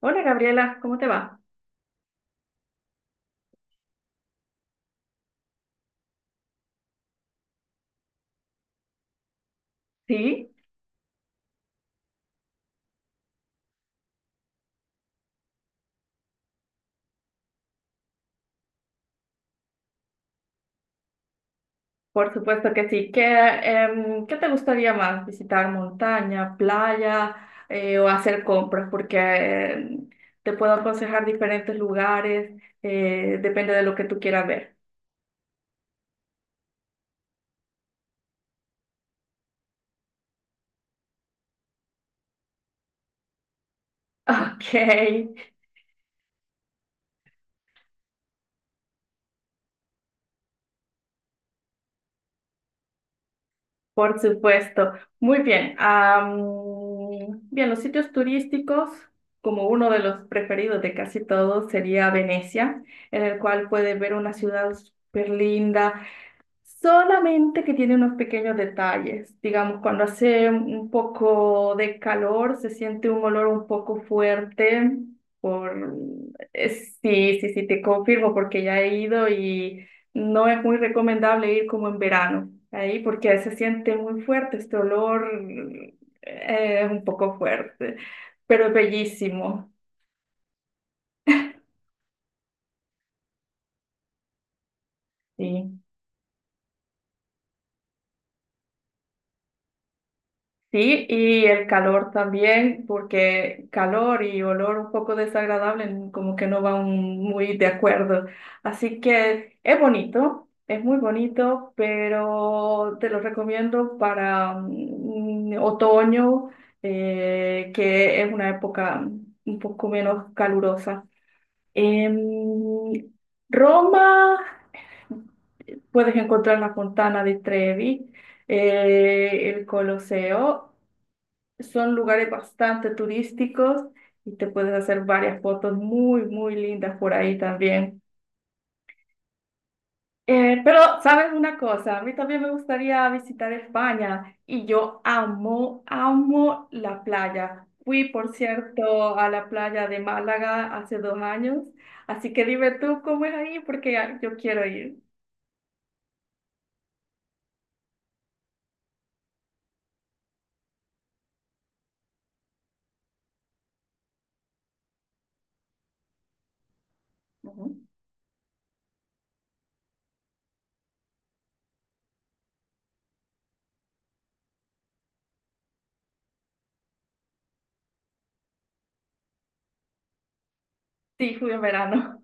Hola Gabriela, ¿cómo te va? Sí, por supuesto que sí. ¿Qué, qué te gustaría más? ¿Visitar montaña, playa o hacer compras? Porque em, te puedo aconsejar diferentes lugares, depende de lo que tú quieras ver. Ok, por supuesto. Muy bien. Bien, los sitios turísticos, como uno de los preferidos de casi todos, sería Venecia, en el cual puedes ver una ciudad súper linda. Solamente que tiene unos pequeños detalles. Digamos, cuando hace un poco de calor, se siente un olor un poco fuerte. Por... Sí, sí, sí, te confirmo porque ya he ido y no es muy recomendable ir como en verano ahí porque se siente muy fuerte este olor, es un poco fuerte, pero es bellísimo. Sí. Sí, y el calor también, porque calor y olor un poco desagradable como que no van muy de acuerdo. Así que es bonito, es muy bonito, pero te lo recomiendo para otoño, que es una época un poco menos calurosa. En Roma puedes encontrar la Fontana di Trevi, el Coloseo. Son lugares bastante turísticos y te puedes hacer varias fotos muy, muy lindas por ahí también. Pero, ¿sabes una cosa? A mí también me gustaría visitar España y yo amo, amo la playa. Fui, por cierto, a la playa de Málaga hace 2 años, así que dime tú cómo es ahí porque yo quiero ir. Ujú. Sí, fui en verano.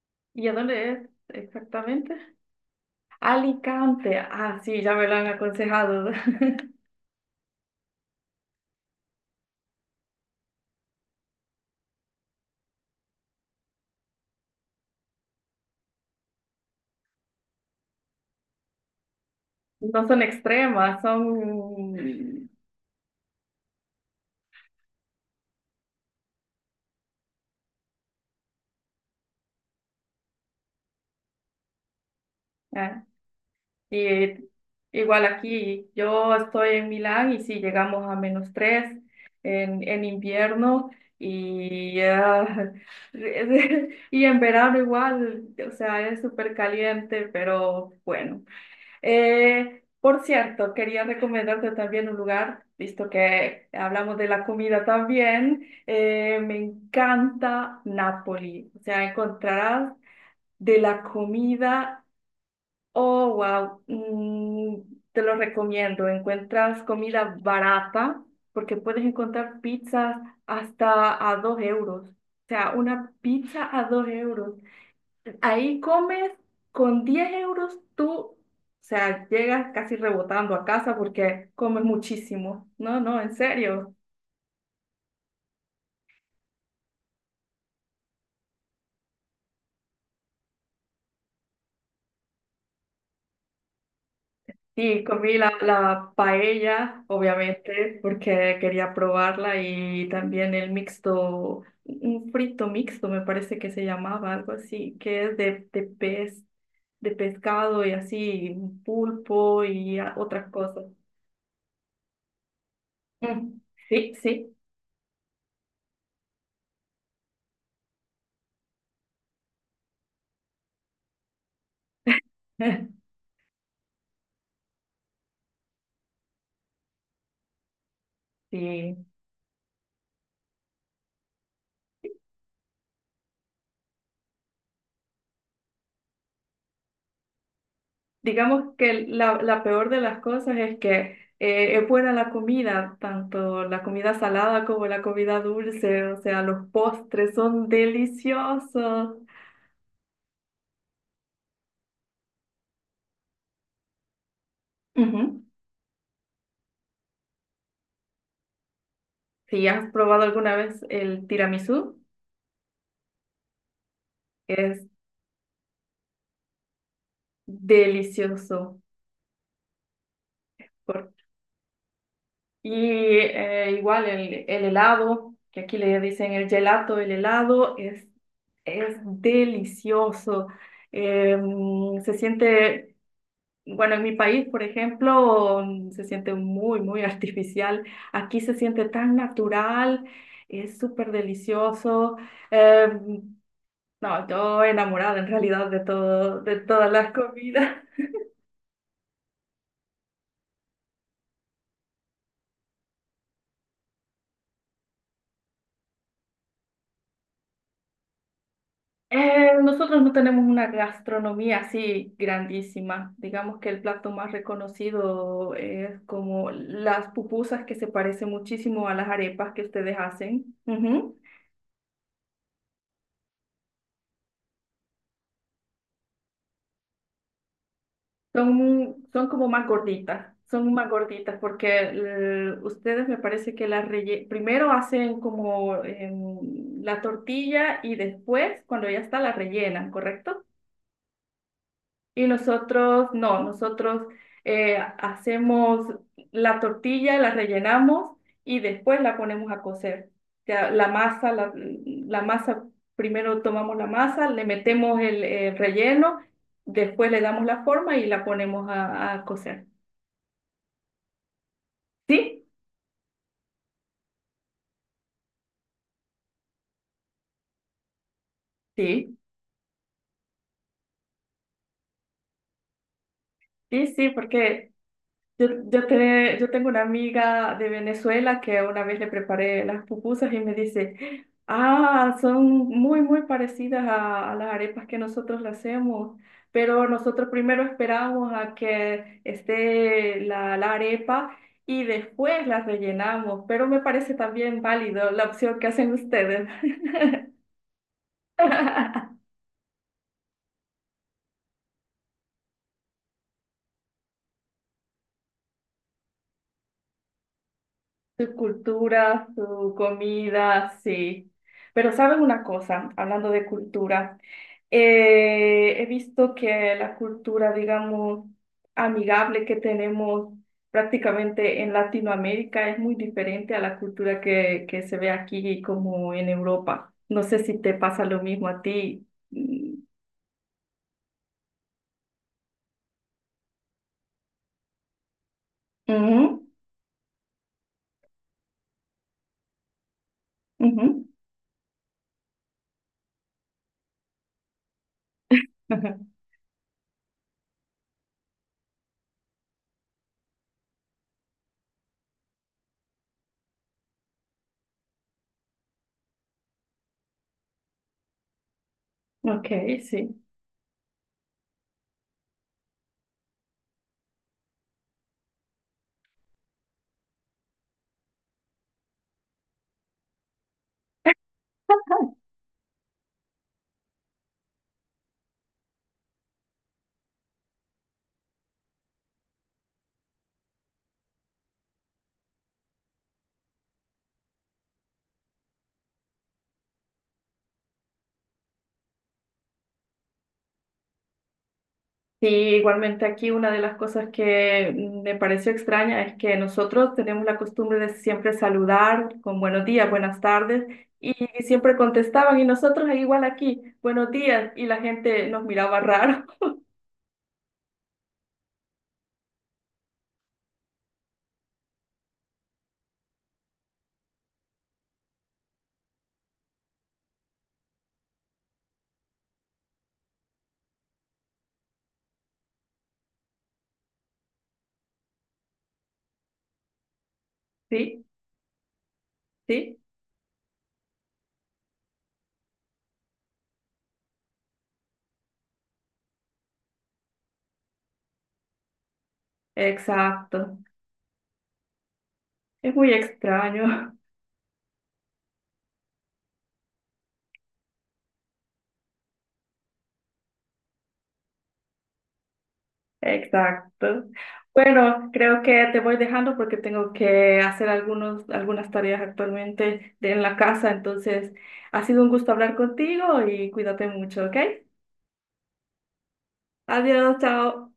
¿Y a dónde es exactamente? Alicante. Ah, sí, ya me lo han aconsejado. No son extremas, son... ah, y igual aquí, yo estoy en Milán y sí, llegamos a -3 en invierno y, y en verano igual, o sea, es súper caliente, pero bueno. Por cierto, quería recomendarte también un lugar, visto que hablamos de la comida también. Me encanta Nápoli. O sea, encontrarás. De la comida, oh, wow, te lo recomiendo. Encuentras comida barata porque puedes encontrar pizzas hasta a 2 euros. O sea, una pizza a 2 euros. Ahí comes con 10 euros tú, o sea, llegas casi rebotando a casa porque comes muchísimo. No, no, en serio. Sí, comí la paella, obviamente, porque quería probarla y también el mixto, un frito mixto, me parece que se llamaba, algo así, que es de pez, de pescado y así, un pulpo y otras cosas. Mm, Sí, sí, sí. Digamos que la peor de las cosas es que es buena la comida, tanto la comida salada como la comida dulce, o sea, los postres son deliciosos. Ujú. Si has probado alguna vez el tiramisú, es delicioso. Por- Y igual el helado, que aquí le dicen el gelato, el helado es delicioso. Se siente. Bueno, en mi país, por ejemplo, se siente muy, muy artificial. Aquí se siente tan natural, es súper delicioso. Eh, no, yo enamorada en realidad de todo, de todas las comidas. Nosotros no tenemos una gastronomía así grandísima. Digamos que el plato más reconocido es como las pupusas, que se parece muchísimo a las arepas que ustedes hacen. Ujú. Son, son como más gorditas, son más gorditas porque ustedes me parece que las primero hacen como la tortilla y después cuando ya está la rellenan, ¿correcto? Y nosotros no, nosotros hacemos la tortilla, la rellenamos y después la ponemos a cocer. O sea, la masa, la masa, primero tomamos la masa, le metemos el relleno, después le damos la forma y la ponemos a cocer. Sí, sí, sí, sí, porque yo tengo una amiga de Venezuela que una vez le preparé las pupusas y me dice, ah, son muy, muy parecidas a las arepas que nosotros las hacemos, pero nosotros primero esperamos a que esté la arepa y después las rellenamos, pero me parece también válido la opción que hacen ustedes. Su cultura, su comida, sí. Pero ¿saben una cosa? Hablando de cultura, he visto que la cultura, digamos, amigable que tenemos prácticamente en Latinoamérica es muy diferente a la cultura que se ve aquí como en Europa. No sé si te pasa lo mismo a ti. Ujú, ujú. Ok, sí. Sí, igualmente aquí una de las cosas que me pareció extraña es que nosotros tenemos la costumbre de siempre saludar con buenos días, buenas tardes y, siempre contestaban y nosotros igual aquí, buenos días, y la gente nos miraba raro. Sí, sí, exacto. Es muy extraño. Exacto. Bueno, creo que te voy dejando porque tengo que hacer algunas tareas actualmente en la casa, entonces ha sido un gusto hablar contigo y cuídate mucho, ¿ok? Adiós, chao.